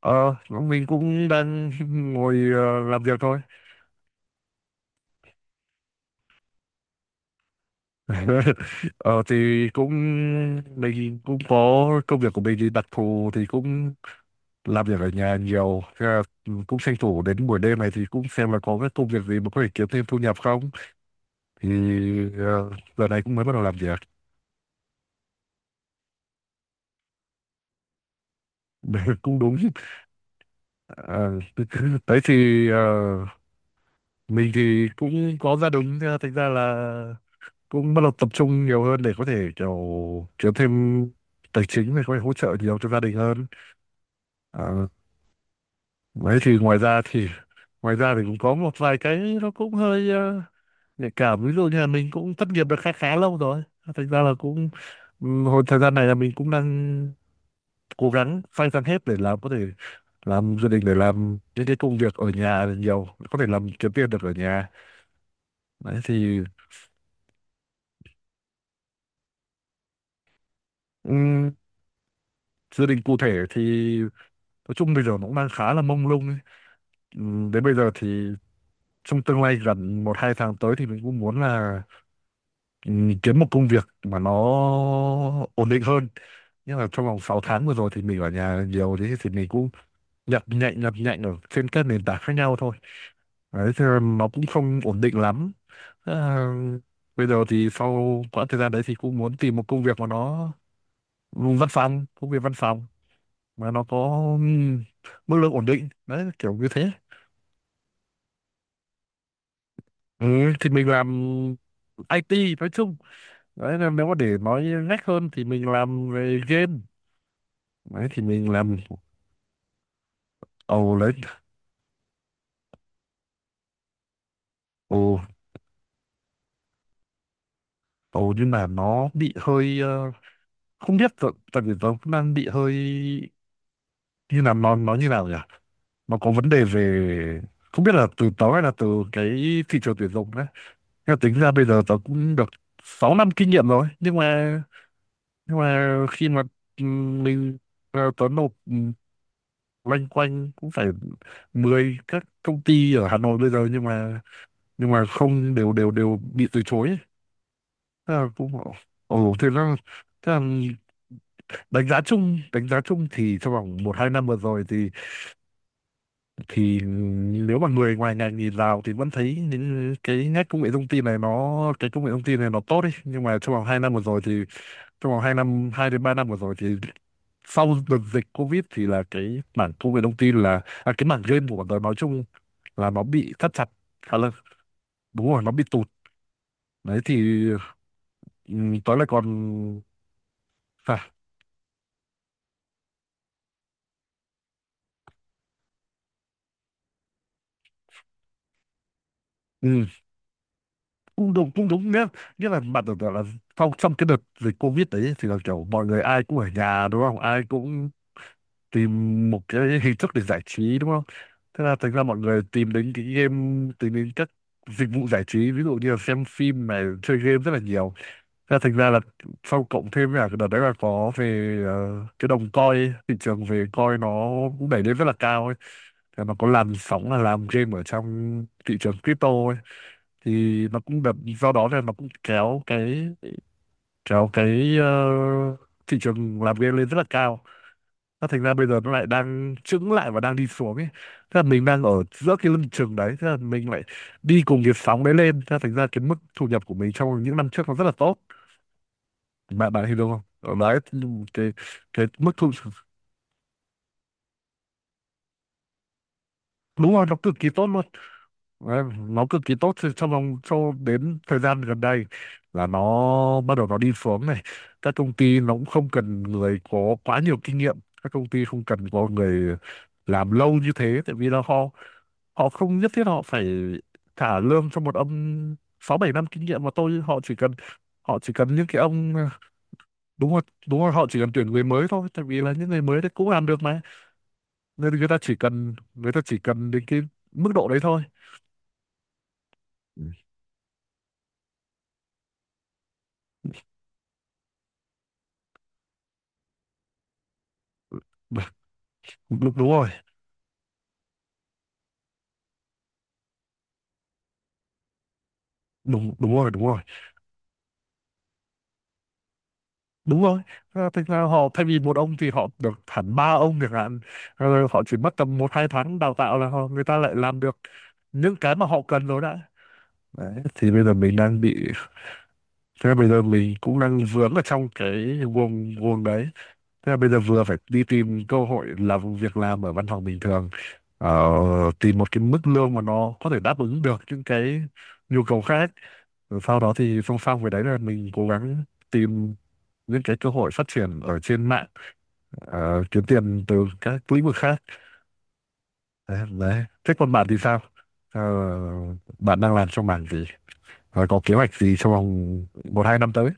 Ờ, mình cũng đang ngồi làm việc thôi. Ờ, thì cũng Mình cũng có công việc của mình thì đặc thù thì cũng làm việc ở nhà nhiều. Thế là cũng tranh thủ đến buổi đêm này thì cũng xem là có cái công việc gì mà có thể kiếm thêm thu nhập không. Thì ờ, Giờ này cũng mới bắt đầu làm việc. Cũng đúng. Ờ, Đấy thì mình thì cũng có gia đình, thế là thành ra là cũng bắt đầu tập trung nhiều hơn để có thể kiểu kiếm thêm tài chính để có thể hỗ trợ nhiều cho gia đình hơn. à, Đấy thì ngoài ra thì cũng có một vài cái nó cũng hơi nhạy cảm, ví dụ như là mình cũng thất nghiệp được khá khá lâu rồi, thành ra là cũng hồi thời gian này là mình cũng đang cố gắng phanh phanh hết để làm có thể làm gia đình để làm những cái công việc ở nhà nhiều có thể làm kiếm tiền được ở nhà. Đấy thì ừm, gia đình cụ thể thì nói chung bây giờ nó cũng đang khá là mông lung ấy. Ừ, đến bây giờ thì trong tương lai gần 1-2 tháng tới thì mình cũng muốn là ừ, kiếm một công việc mà nó ổn định hơn. Nhưng mà trong vòng 6 tháng vừa rồi thì mình ở nhà nhiều, thế thì mình cũng nhập nhạnh ở trên các nền tảng khác nhau thôi. Đấy, thì nó cũng không ổn định lắm. À, Bây giờ thì sau quãng thời gian đấy thì cũng muốn tìm một công việc mà nó văn phòng, công việc văn phòng mà nó có ừm, mức lương ổn định. Đấy, kiểu như thế. Ừ, thì mình làm IT nói chung, đấy nên nếu mà để nói ngách hơn thì mình làm về game. Đấy thì mình làm. Ồ đấy. Ồ. Ồ, nhưng mà nó bị hơi không biết tại tại vì nó cũng đang bị hơi như là nó như nào nhỉ, nó có vấn đề về không biết là từ tớ hay là từ cái thị trường tuyển dụng đấy. Nhưng mà tính ra bây giờ tớ cũng được 6 năm kinh nghiệm rồi, nhưng mà khi mà mình tớ nộp loanh quanh cũng phải 10 các công ty ở Hà Nội bây giờ, nhưng mà không đều đều đều bị từ chối ấy. Thế là cũng bảo, ồ thế là đánh giá chung thì trong vòng 1-2 năm vừa rồi thì thì nếu mà người ngoài ngành nhìn vào thì vẫn thấy những cái nét công nghệ thông tin này, nó cái công nghệ thông tin này nó tốt ấy. Nhưng mà trong vòng 2 năm, 2-3 năm vừa rồi thì sau đợt dịch Covid thì là cái mảng công nghệ thông tin là cái mảng game của bọn tôi nói chung là nó bị thắt chặt khá là. Đúng rồi, nó bị tụt. Đấy thì ừ, tôi lại còn. À, ừ, cũng đúng nhé, nghĩa là bạn tưởng tượng là sau trong cái đợt dịch Covid đấy thì là kiểu mọi người ai cũng ở nhà đúng không, ai cũng tìm một cái hình thức để giải trí đúng không. Thế là thành ra mọi người tìm đến cái game, tìm đến các dịch vụ giải trí, ví dụ như là xem phim này, chơi game rất là nhiều. Thế là thành ra là sau cộng thêm là cái đợt đấy là có về cái đồng coin, thị trường về coin nó cũng đẩy lên rất là cao ấy. Thì nó có làn sóng là làm game ở trong thị trường crypto ấy, thì nó cũng được do đó nên nó cũng kéo cái thị trường làm game lên rất là cao. Nó thành ra bây giờ nó lại đang chững lại và đang đi xuống ấy. Thế là mình đang ở giữa cái lưng chừng đấy, thế là mình lại đi cùng cái sóng đấy lên, thế là thành ra cái mức thu nhập của mình trong những năm trước nó rất là tốt. Bạn bạn hiểu đúng không ở đấy. Cái cái mức thu. Đúng rồi, nó cực kỳ tốt luôn. Đấy, nó cực kỳ tốt cho vòng cho đến thời gian gần đây là nó bắt đầu nó đi xuống này. Các công ty nó cũng không cần người có quá nhiều kinh nghiệm, các công ty không cần có người làm lâu như thế, tại vì là họ họ không nhất thiết họ phải trả lương cho một ông 6-7 năm kinh nghiệm mà tôi. Họ chỉ cần họ chỉ cần những cái ông. Đúng rồi, đúng rồi, họ chỉ cần tuyển người mới thôi, tại vì là những người mới đấy cũng làm được mà, nên người ta chỉ cần đến cái mức độ đấy thôi. Ừ. Đúng, đúng rồi. Đúng, đúng rồi. Đúng rồi, đúng rồi. Thực ra họ thay vì một ông thì họ được hẳn ba ông chẳng hạn, rồi họ chỉ mất tầm 1-2 tháng đào tạo là họ người ta lại làm được những cái mà họ cần rồi đã. Đấy thì bây giờ mình đang bị, thế là bây giờ mình cũng đang vướng ở trong cái guồng guồng đấy. Thế là bây giờ vừa phải đi tìm cơ hội làm, việc làm ở văn phòng bình thường, ờ, tìm một cái mức lương mà nó có thể đáp ứng được những cái nhu cầu khác. Rồi sau đó thì song song với đấy là mình cố gắng tìm những cái cơ hội phát triển ở trên mạng, kiếm tiền từ các lĩnh vực khác. Đấy, đấy. Thế còn bạn thì sao? Ờ, Bạn đang làm trong mảng gì? Và có kế hoạch gì trong vòng 1-2 năm tới?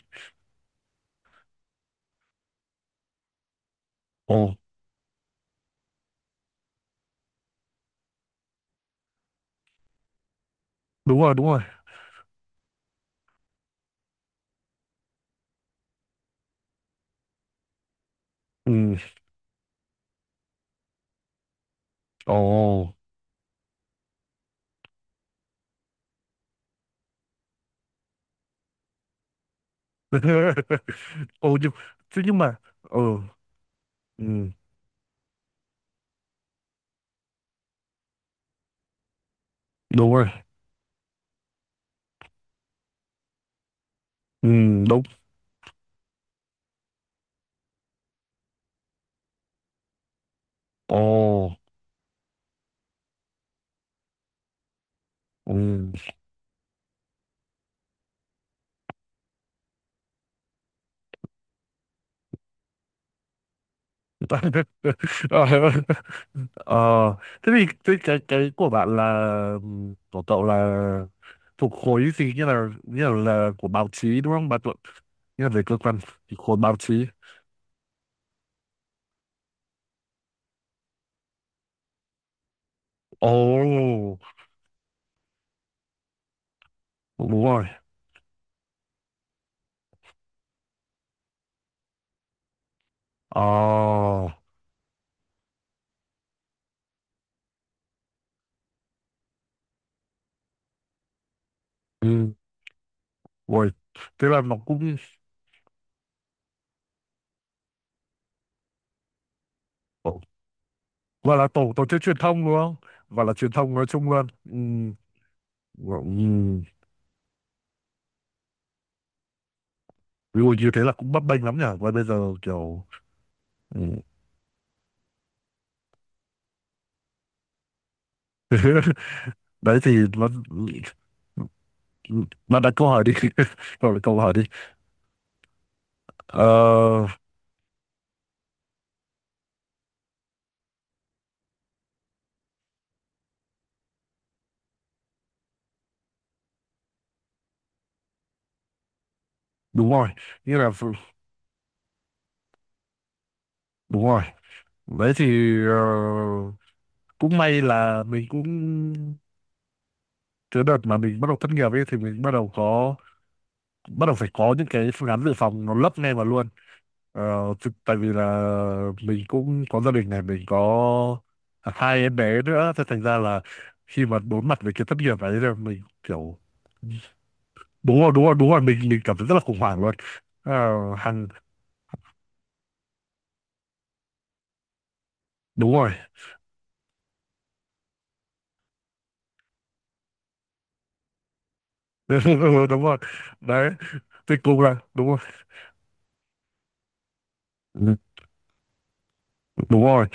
Ồ, đúng rồi, đúng rồi. Ừ, ồ. Ồ, nhưng, thế nhưng mà, ừ, ừ, đúng rồi, ừ, đúng. Ồ, ừ. Ờ, Ờ, thế thì cái của bạn là của cậu là thuộc khối gì, như là là của báo chí đúng không? Bạn thuộc như là về cơ quan thì khối báo chí. Ồ, đúng rồi. Ồ, ừ, rồi. Thế là nó cũng. Ồ, gọi là tổ tổ chức truyền thông đúng không? Và là truyền thông nói chung luôn. Ừ, ừ. Ví dụ như thế là cũng bấp bênh lắm nhỉ. Và bây giờ kiểu ừ. Đấy thì nó đặt câu hỏi đi rồi đặt câu hỏi đi. Ờ, Đúng rồi. Như là đúng rồi. Đấy thì cũng may là mình cũng cái đợt mà mình bắt đầu thất nghiệp ấy thì mình bắt đầu phải có những cái phương án dự phòng nó lấp ngay vào luôn. Tại vì là mình cũng có gia đình này, mình có hai em bé nữa, thế thành ra là khi mà đối mặt với cái thất nghiệp ấy là mình kiểu. Đúng rồi, đúng rồi, đúng rồi, mình cảm thấy rất là khủng hoảng luôn. Ờ, hàng. Đúng rồi. Ừ, đúng rồi. Đấy thì cũng là đúng rồi. Ừ, đúng rồi.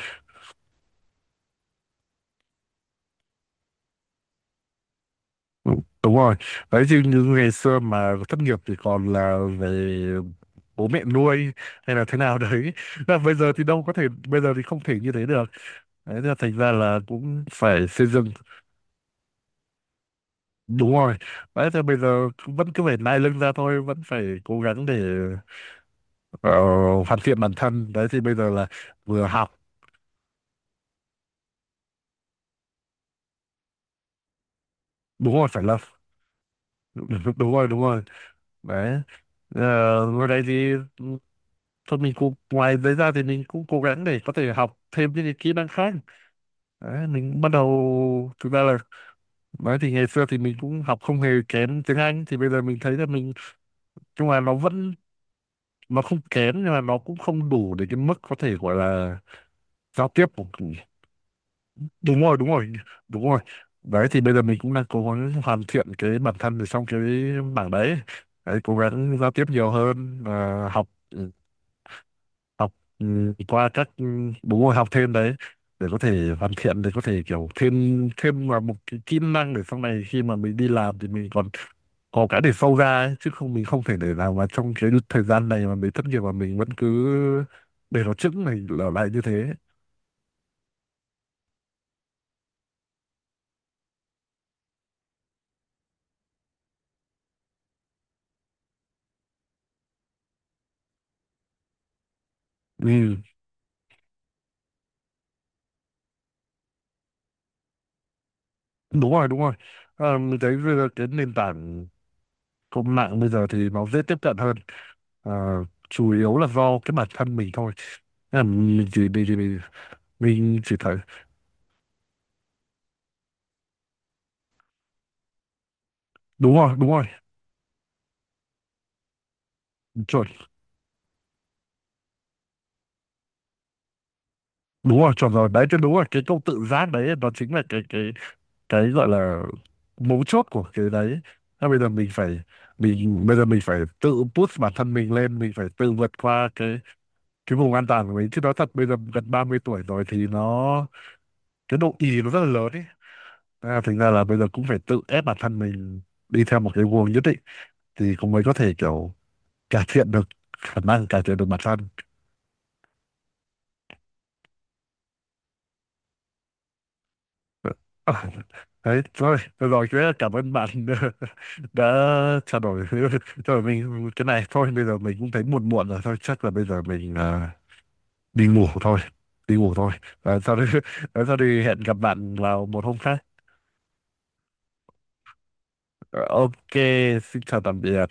Đúng, đúng rồi. Đấy chứ như ngày xưa mà thất nghiệp thì còn là về bố mẹ nuôi hay là thế nào đấy, là bây giờ thì đâu có thể, bây giờ thì không thể như thế được. Đấy thế là thành ra là cũng phải xây dựng. Đúng rồi. Đấy thì bây giờ cũng vẫn cứ phải nai lưng ra thôi, vẫn phải cố gắng để ờ, hoàn thiện bản thân. Đấy thì bây giờ là vừa học. Đúng rồi, phải là. Đúng rồi, đúng rồi. Đấy. Ờ, Ngồi đây thì thôi, mình cũng ngoài đấy ra thì mình cũng cố gắng để có thể học thêm những cái kỹ năng khác. Đấy, mình cũng bắt đầu thực ra là nói thì ngày xưa thì mình cũng học không hề kém tiếng Anh, thì bây giờ mình thấy là mình. Nhưng mà nó vẫn, nó không kém, nhưng mà nó cũng không đủ để cái mức có thể gọi là giao tiếp của. Đúng rồi, đúng rồi, đúng rồi. Đấy thì bây giờ mình cũng đang cố gắng hoàn thiện cái bản thân ở trong cái bảng đấy, đấy, cố gắng giao tiếp nhiều hơn và học học qua các bốn môn học thêm. Đấy để có thể hoàn thiện, để có thể kiểu thêm thêm vào một cái kỹ năng, để sau này khi mà mình đi làm thì mình còn có cái để sâu ra ấy. Chứ không mình không thể để nào mà trong cái thời gian này mà mình thất nghiệp mà mình vẫn cứ để nó chững này ở lại như thế. Ừ, đúng rồi, đúng rồi. Mình thấy bây giờ cái nền tảng công mạng bây giờ thì nó dễ tiếp cận hơn. à, Chủ yếu là do cái bản thân mình thôi. Thế là mình chỉ thấy. Đúng rồi, đúng rồi, chuẩn. Đúng rồi, chuẩn rồi. Đấy cái đúng là cái câu tự giác đấy, nó chính là cái gọi là mấu chốt của cái đấy. Thế bây giờ mình phải. Bây giờ mình phải tự push bản thân mình lên, mình phải tự vượt qua cái vùng an toàn của mình. Chứ nói thật bây giờ gần 30 tuổi rồi thì nó cái độ ì nó rất là lớn ấy. Thế là thành ra là bây giờ cũng phải tự ép bản thân mình đi theo một cái guồng nhất định, thì cũng mới có thể kiểu cải thiện được khả năng, cải thiện được bản thân. Ờ, Đấy, thôi, được rồi, chú rất cảm ơn bạn đã trao đổi cho mình cái này. Thôi, bây giờ mình cũng thấy muộn muộn rồi. Thôi, chắc là bây giờ mình đi ngủ thôi. Đi ngủ thôi. À, sau đó, sau đó thì hẹn gặp bạn vào một hôm khác. Ờ, Ok, xin chào tạm biệt.